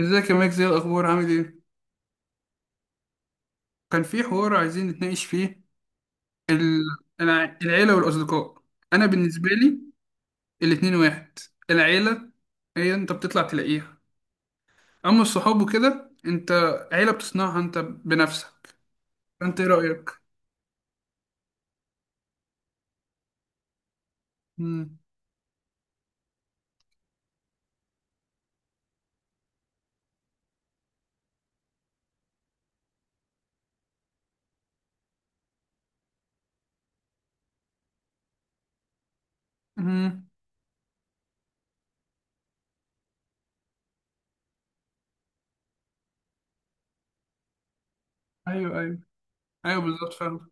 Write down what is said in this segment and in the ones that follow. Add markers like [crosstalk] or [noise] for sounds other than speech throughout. ازيك يا مايك؟ زي الاخبار؟ عامل ايه؟ كان في حوار عايزين نتناقش فيه. ال- العيله والاصدقاء. انا بالنسبه لي الاتنين واحد. العيله هي انت بتطلع تلاقيها، اما الصحاب وكده، انت عيله بتصنعها انت بنفسك. انت ايه رايك؟ امم امم ايوه، ايوه، ايوه، بالظبط فاهم.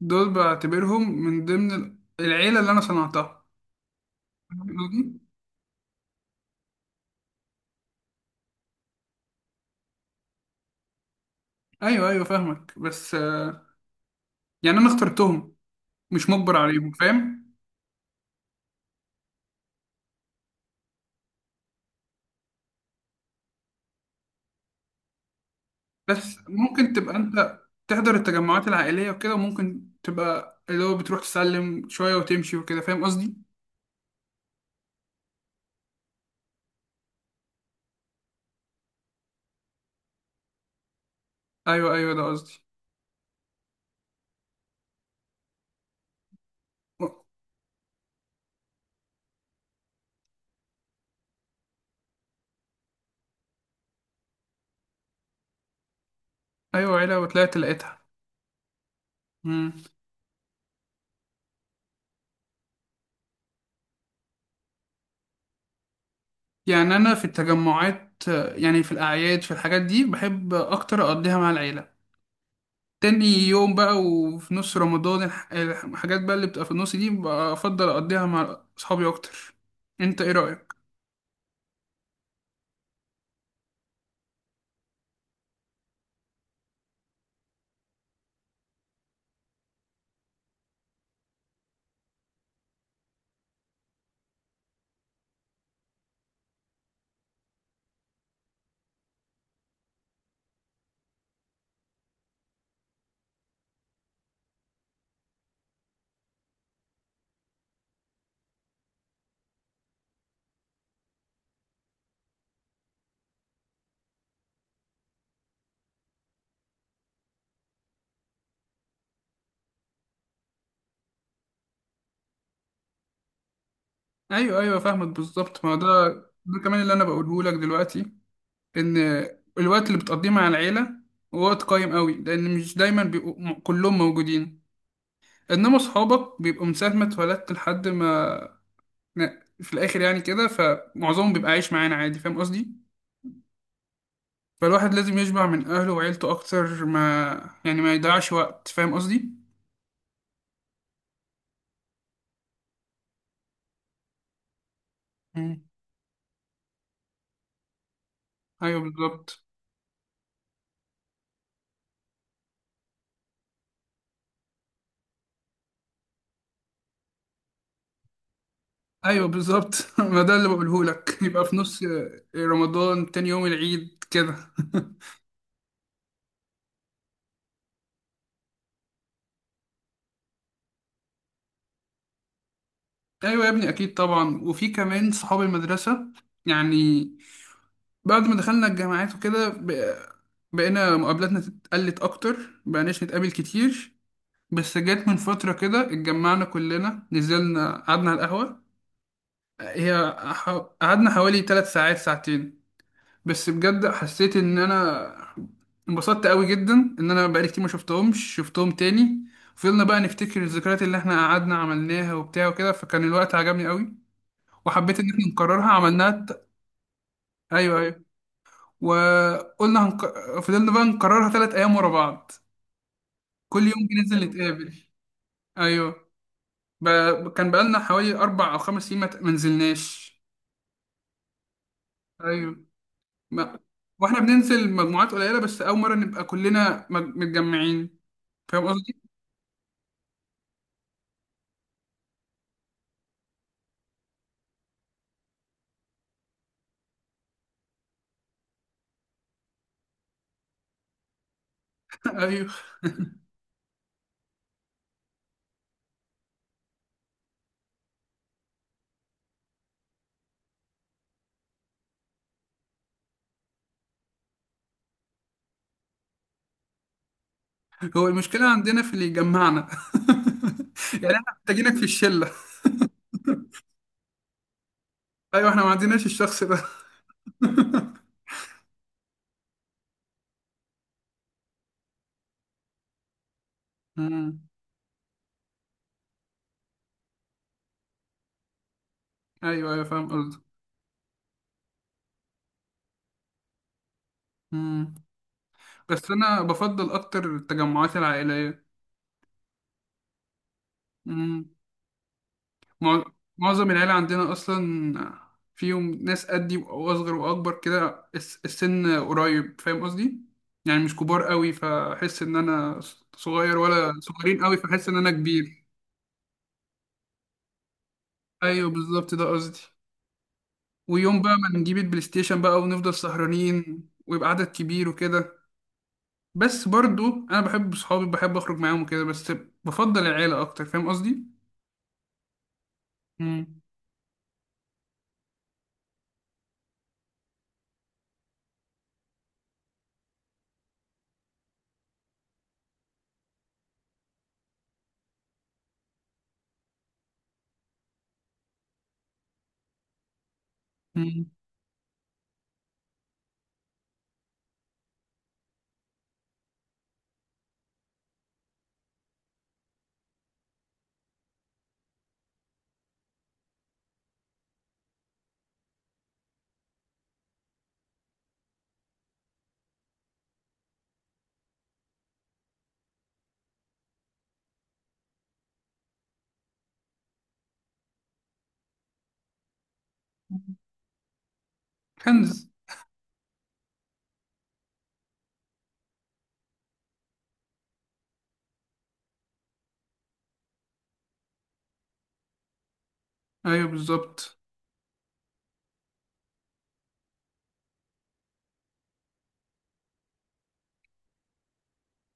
دول بعتبرهم من ضمن العيله اللي انا صنعتها. فاهم قصدي؟ ايوه، ايوه، فاهمك. بس يعني انا اخترتهم، مش مجبر عليهم، فاهم؟ بس ممكن تبقى انت تحضر التجمعات العائلية وكده، وممكن تبقى اللي هو بتروح تسلم شوية وتمشي وكده. فاهم قصدي؟ أيوه، أيوه، ده قصدي. أيوه عيلة وطلعت لقيتها. مم. يعني أنا في التجمعات، يعني في الأعياد، في الحاجات دي بحب أكتر أقضيها مع العيلة. تاني يوم بقى وفي نص رمضان، الحاجات بقى اللي بتبقى في النص دي بفضل أقضيها مع أصحابي أكتر. أنت إيه رأيك؟ أيوه، أيوه، فاهمك بالظبط، ما هو ده كمان اللي أنا بقوله لك دلوقتي، ان الوقت اللي بتقضيه مع العيله هو وقت قيم قوي، لان مش دايما بيبقوا كلهم موجودين. انما صحابك بيبقوا من ساعه ما اتولدت لحد ما في الاخر يعني كده، فمعظمهم بيبقى عايش معانا عادي، فاهم قصدي؟ فالواحد لازم يشبع من اهله وعيلته اكتر، ما يعني ما يضيعش وقت، فاهم قصدي؟ مم. ايوه بالظبط. ايوه بالظبط. [laughs] ما ده اللي بقوله لك، يبقى في نص رمضان، تاني يوم العيد كده. [laughs] ايوه يا ابني، اكيد طبعا، وفي كمان صحاب المدرسه. يعني بعد ما دخلنا الجامعات وكده بقينا مقابلاتنا اتقلت أكتر، مبقناش نتقابل كتير. بس جت من فترة كده اتجمعنا كلنا، نزلنا قعدنا على القهوة. هي ح- قعدنا حوالي 3 ساعات، ساعتين. بس بجد حسيت إن أنا انبسطت قوي جدا، إن أنا بقالي كتير ما شفتهمش، شفتهم تاني. فضلنا بقى نفتكر الذكريات اللي احنا قعدنا عملناها وبتاع وكده، فكان الوقت عجبني قوي. وحبيت إن احنا نكررها، أيوه، أيوه. وقلنا هنك... فضلنا بقى نكررها 3 ايام ورا بعض، كل يوم بننزل نتقابل. ايوه ب... كان بقالنا حوالي 4 او 5 سنين ما نزلناش. ايوه ما... واحنا بننزل مجموعات قليله، بس اول مره نبقى كلنا متجمعين، فاهم قصدي؟ [laughs] ايوه، هو المشكله عندنا في اللي يجمعنا. [laughs] يعني احنا محتاجينك في الشله. ايوه، احنا ما عندناش الشخص ده. [laughs] مم. ايوه، ايوه، فاهم قصدك. مم. بس انا بفضل اكتر التجمعات العائليه. مم. مع- معظم العيلة عندنا أصلا فيهم ناس قدي، وأصغر وأكبر كده، السن قريب، فاهم قصدي؟ يعني مش كبار قوي فأحس إن أنا صغير، ولا صغيرين قوي فأحس إن أنا كبير. أيوه بالظبط، ده قصدي. ويوم بقى ما نجيب البلاي ستيشن بقى ونفضل سهرانين، ويبقى عدد كبير وكده. بس برضو أنا بحب صحابي، بحب أخرج معاهم وكده، بس بفضل العيلة أكتر، فاهم قصدي؟ مم. مم. كنز. أيوه بالظبط.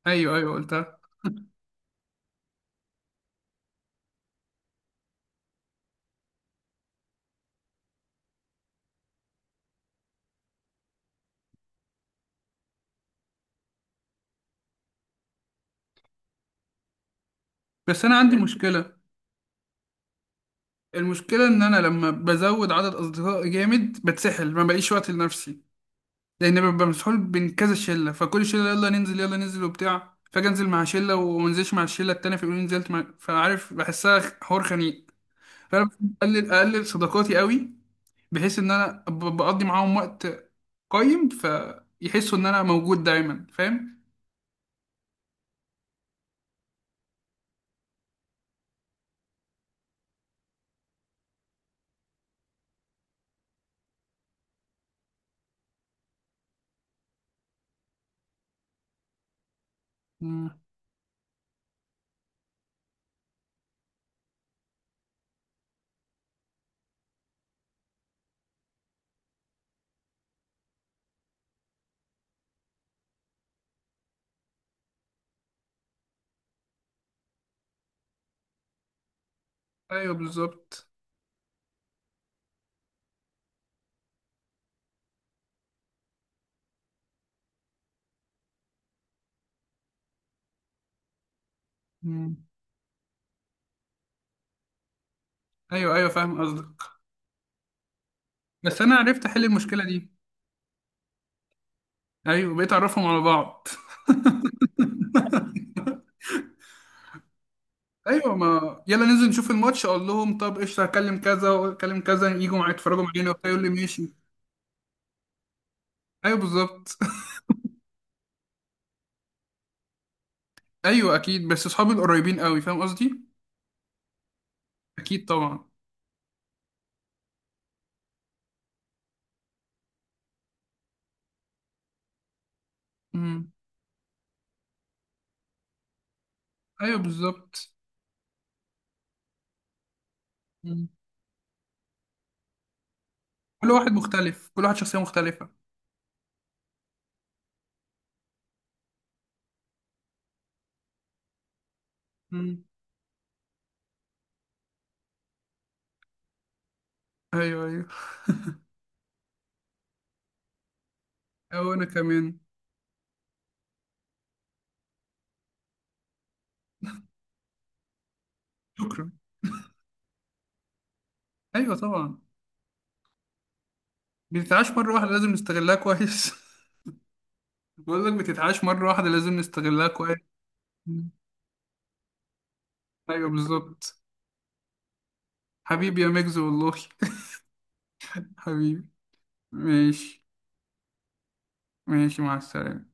أيوه، أيوه، قلتها. بس أنا عندي مشكلة، المشكلة إن أنا لما بزود عدد أصدقائي جامد بتسحل، ما بلاقيش وقت لنفسي، لأن ببقى مسحول بين كذا شلة، فكل شلة يلا ننزل، يلا ننزل وبتاع، فأجي أنزل مع شلة ومنزلش مع الشلة التانية فيقولوا لي نزلت مع، فعارف بحسها حوار خنيق. فأنا أقلل صداقاتي قوي، بحيث إن أنا بقضي معاهم وقت قيم، فيحسوا إن أنا موجود دايما، فاهم؟ مم. أيوه بالظبط. مم. أيوه، أيوه، فاهم قصدك. بس أنا عرفت أحل المشكلة دي. أيوه، بقيت أعرفهم على بعض. ايوه، ما يلا ننزل نشوف الماتش، اقول لهم طب قشطه هكلم كذا واكلم كذا، يجوا معايا يتفرجوا معانا وبتاع، يقول لي ماشي. ايوه بالظبط. [laughs] ايوه اكيد، بس اصحابي القريبين قوي، فاهم قصدي؟ اكيد طبعا. امم ايوه بالظبط. مم. كل واحد مختلف، كل واحد شخصيه مختلفه. امم ايوه، ايوه. او انا كمان. شكرا. ايوه طبعا. بتتعاش مره واحده، لازم نستغلها كويس. [laughs] بقول لك بتتعاش مره واحده، لازم نستغلها كويس. مم. ايوه بالظبط. حبيبي يا ميجز والله. [laughs] حبيبي. ماشي. ماشي مع السلامة.